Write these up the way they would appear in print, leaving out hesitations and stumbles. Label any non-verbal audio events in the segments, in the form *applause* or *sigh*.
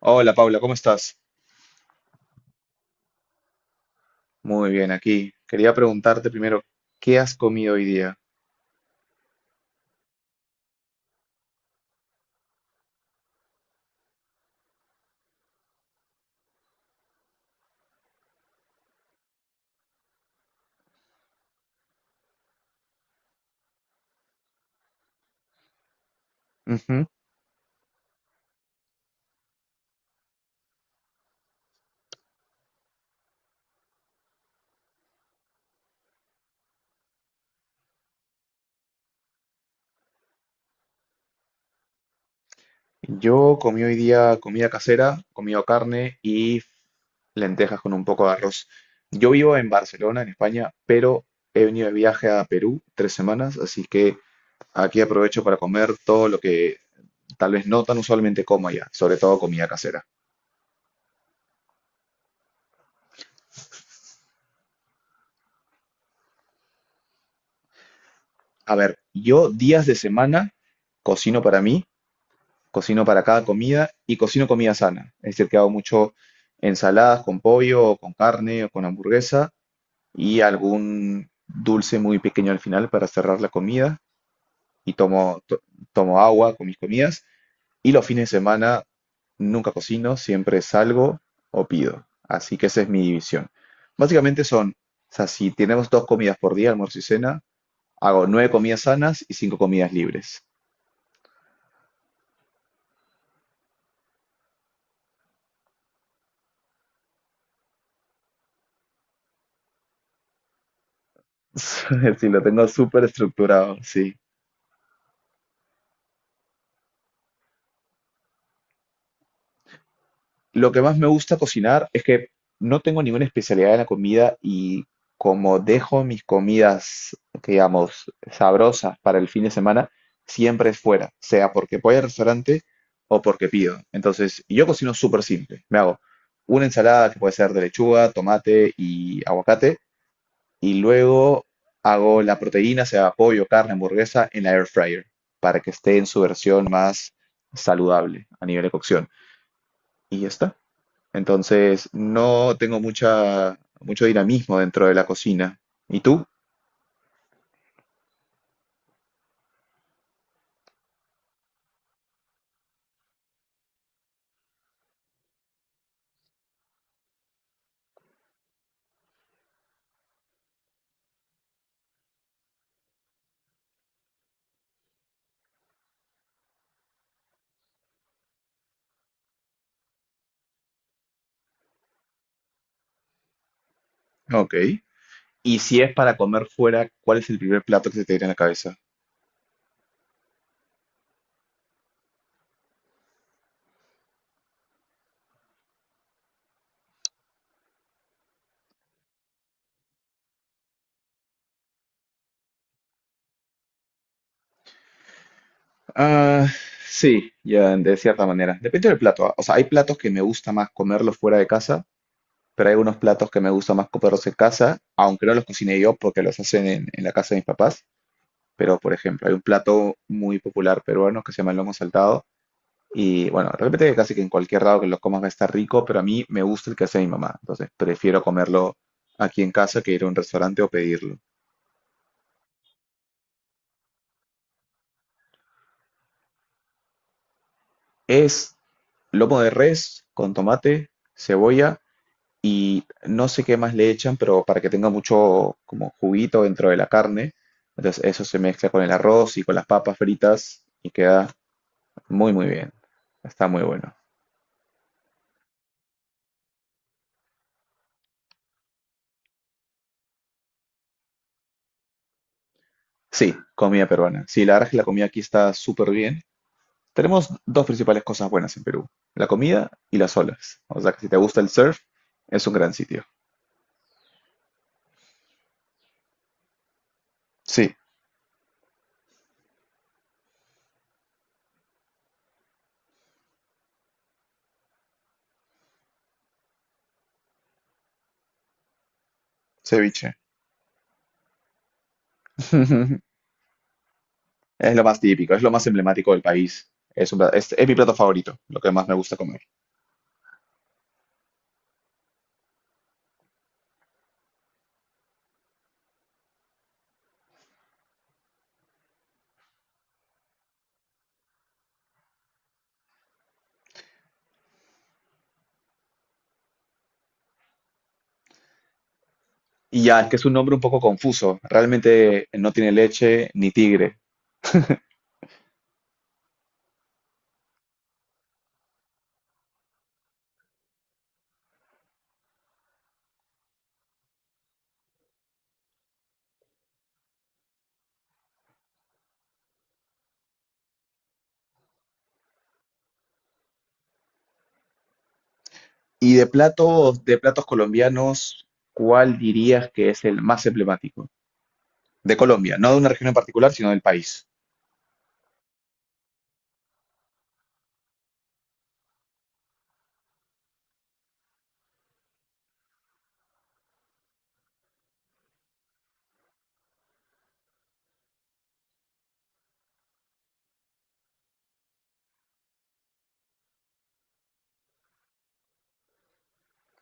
Hola Paula, ¿cómo estás? Muy bien, aquí. Quería preguntarte primero, ¿qué has comido hoy día? Ujú. Yo comí hoy día comida casera, comido carne y lentejas con un poco de arroz. Yo vivo en Barcelona, en España, pero he venido de viaje a Perú 3 semanas, así que aquí aprovecho para comer todo lo que tal vez no tan usualmente como allá, sobre todo comida casera. A ver, yo días de semana cocino para mí, cocino para cada comida y cocino comida sana. Es decir, que hago mucho ensaladas con pollo, o con carne o con hamburguesa y algún dulce muy pequeño al final para cerrar la comida. Y tomo agua con mis comidas. Y los fines de semana nunca cocino, siempre salgo o pido. Así que esa es mi división. Básicamente son, o sea, si tenemos dos comidas por día, almuerzo y cena, hago nueve comidas sanas y cinco comidas libres. *laughs* Si lo tengo súper estructurado, sí. Lo que más me gusta cocinar es que no tengo ninguna especialidad en la comida y como dejo mis comidas, digamos, sabrosas para el fin de semana, siempre es fuera, sea porque voy al restaurante o porque pido. Entonces, yo cocino súper simple. Me hago una ensalada que puede ser de lechuga, tomate y aguacate y luego hago la proteína, sea pollo, carne, hamburguesa, en la air fryer para que esté en su versión más saludable a nivel de cocción. Y ya está. Entonces, no tengo mucho dinamismo dentro de la cocina. ¿Y tú? Ok. Y si es para comer fuera, ¿cuál es el primer plato que se te viene a la cabeza? Ah, sí, ya, de cierta manera. Depende del plato. Ah. O sea, hay platos que me gusta más comerlos fuera de casa, pero hay unos platos que me gusta más comerlos en casa, aunque no los cocine yo porque los hacen en la casa de mis papás. Pero, por ejemplo, hay un plato muy popular peruano que se llama el lomo saltado. Y bueno, de repente casi que en cualquier lado que lo comas va a estar rico, pero a mí me gusta el que hace mi mamá. Entonces prefiero comerlo aquí en casa que ir a un restaurante o pedirlo. Es lomo de res con tomate, cebolla y no sé qué más le echan, pero para que tenga mucho como juguito dentro de la carne. Entonces eso se mezcla con el arroz y con las papas fritas y queda muy muy bien. Está muy bueno. Sí, comida peruana. Sí, la verdad es que la comida aquí está súper bien. Tenemos dos principales cosas buenas en Perú, la comida y las olas. O sea que si te gusta el surf, es un gran sitio. Sí, ceviche. *laughs* Es lo más típico, es lo más emblemático del país. Es mi plato favorito, lo que más me gusta comer. Y ya, es que es un nombre un poco confuso. Realmente no tiene leche ni tigre. Y de platos colombianos, ¿cuál dirías que es el más emblemático? De Colombia, no de una región en particular, sino del país.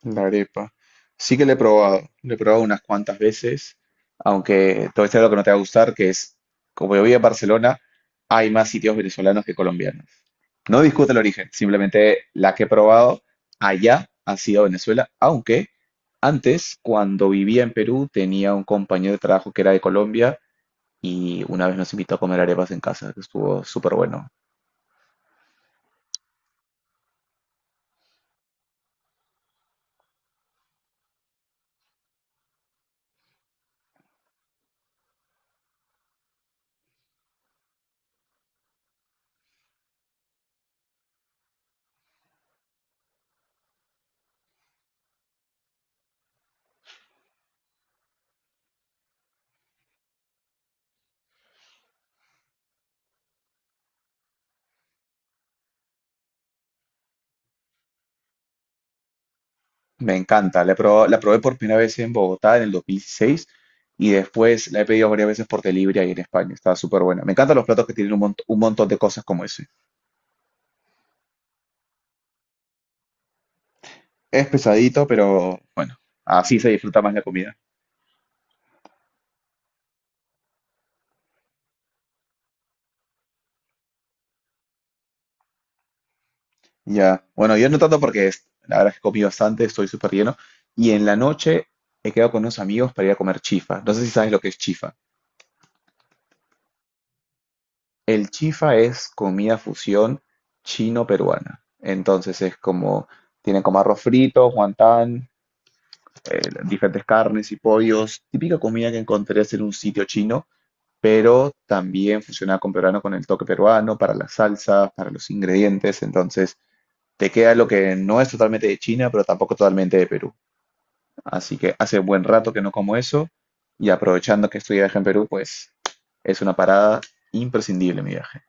La arepa. Sí que le he probado unas cuantas veces, aunque todo esto es lo que no te va a gustar, que es, como yo vivo en Barcelona, hay más sitios venezolanos que colombianos. No discuto el origen, simplemente la que he probado allá ha sido Venezuela, aunque antes, cuando vivía en Perú, tenía un compañero de trabajo que era de Colombia y una vez nos invitó a comer arepas en casa, que estuvo súper bueno. Me encanta. La he probado- la probé por primera vez en Bogotá en el 2016 y después la he pedido varias veces por delivery ahí en España. Está súper buena. Me encantan los platos que tienen un montón de cosas como ese. Es pesadito, pero bueno, así se disfruta más la comida. Ya. Bueno, yo no tanto porque es- la verdad es que comí bastante, estoy súper lleno. Y en la noche he quedado con unos amigos para ir a comer chifa. No sé si sabes lo que es chifa. El chifa es comida fusión chino-peruana. Entonces es como, tienen como arroz frito, guantán, diferentes carnes y pollos, típica comida que encontrarías en un sitio chino, pero también fusionada con peruano, con el toque peruano, para las salsas, para los ingredientes, entonces te queda lo que no es totalmente de China, pero tampoco totalmente de Perú. Así que hace buen rato que no como eso y aprovechando que estoy de viaje en Perú, pues es una parada imprescindible mi viaje.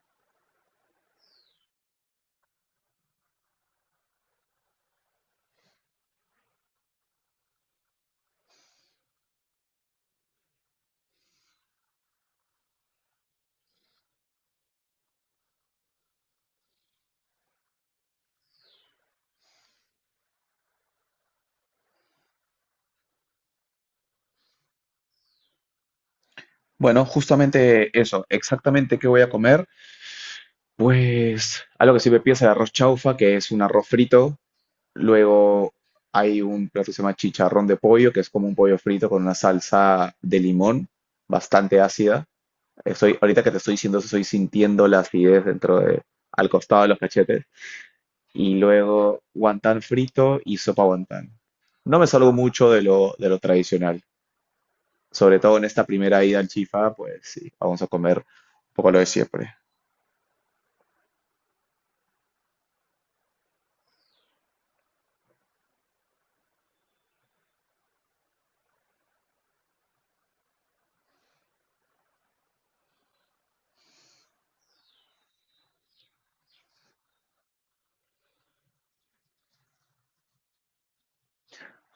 Bueno, justamente eso, exactamente qué voy a comer. Pues algo que siempre piensa el arroz chaufa, que es un arroz frito. Luego hay un plato que se llama chicharrón de pollo, que es como un pollo frito con una salsa de limón bastante ácida. Estoy, ahorita que te estoy diciendo eso, estoy sintiendo la acidez dentro de, al costado de los cachetes. Y luego guantán frito y sopa guantán. No me salgo mucho de lo tradicional. Sobre todo en esta primera ida al Chifa, pues sí, vamos a comer un poco lo de siempre.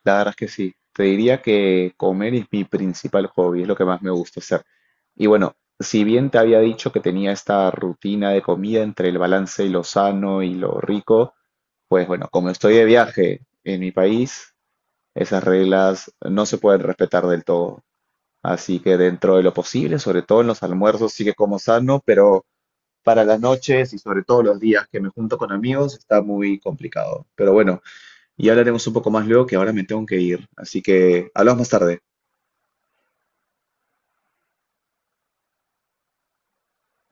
La verdad es que sí. Te diría que comer es mi principal hobby, es lo que más me gusta hacer. Y bueno, si bien te había dicho que tenía esta rutina de comida entre el balance y lo sano y lo rico, pues bueno, como estoy de viaje en mi país, esas reglas no se pueden respetar del todo. Así que dentro de lo posible, sobre todo en los almuerzos, sí que como sano, pero para las noches y sobre todo los días que me junto con amigos está muy complicado. Pero bueno, y hablaremos un poco más luego, que ahora me tengo que ir. Así que hablamos más tarde.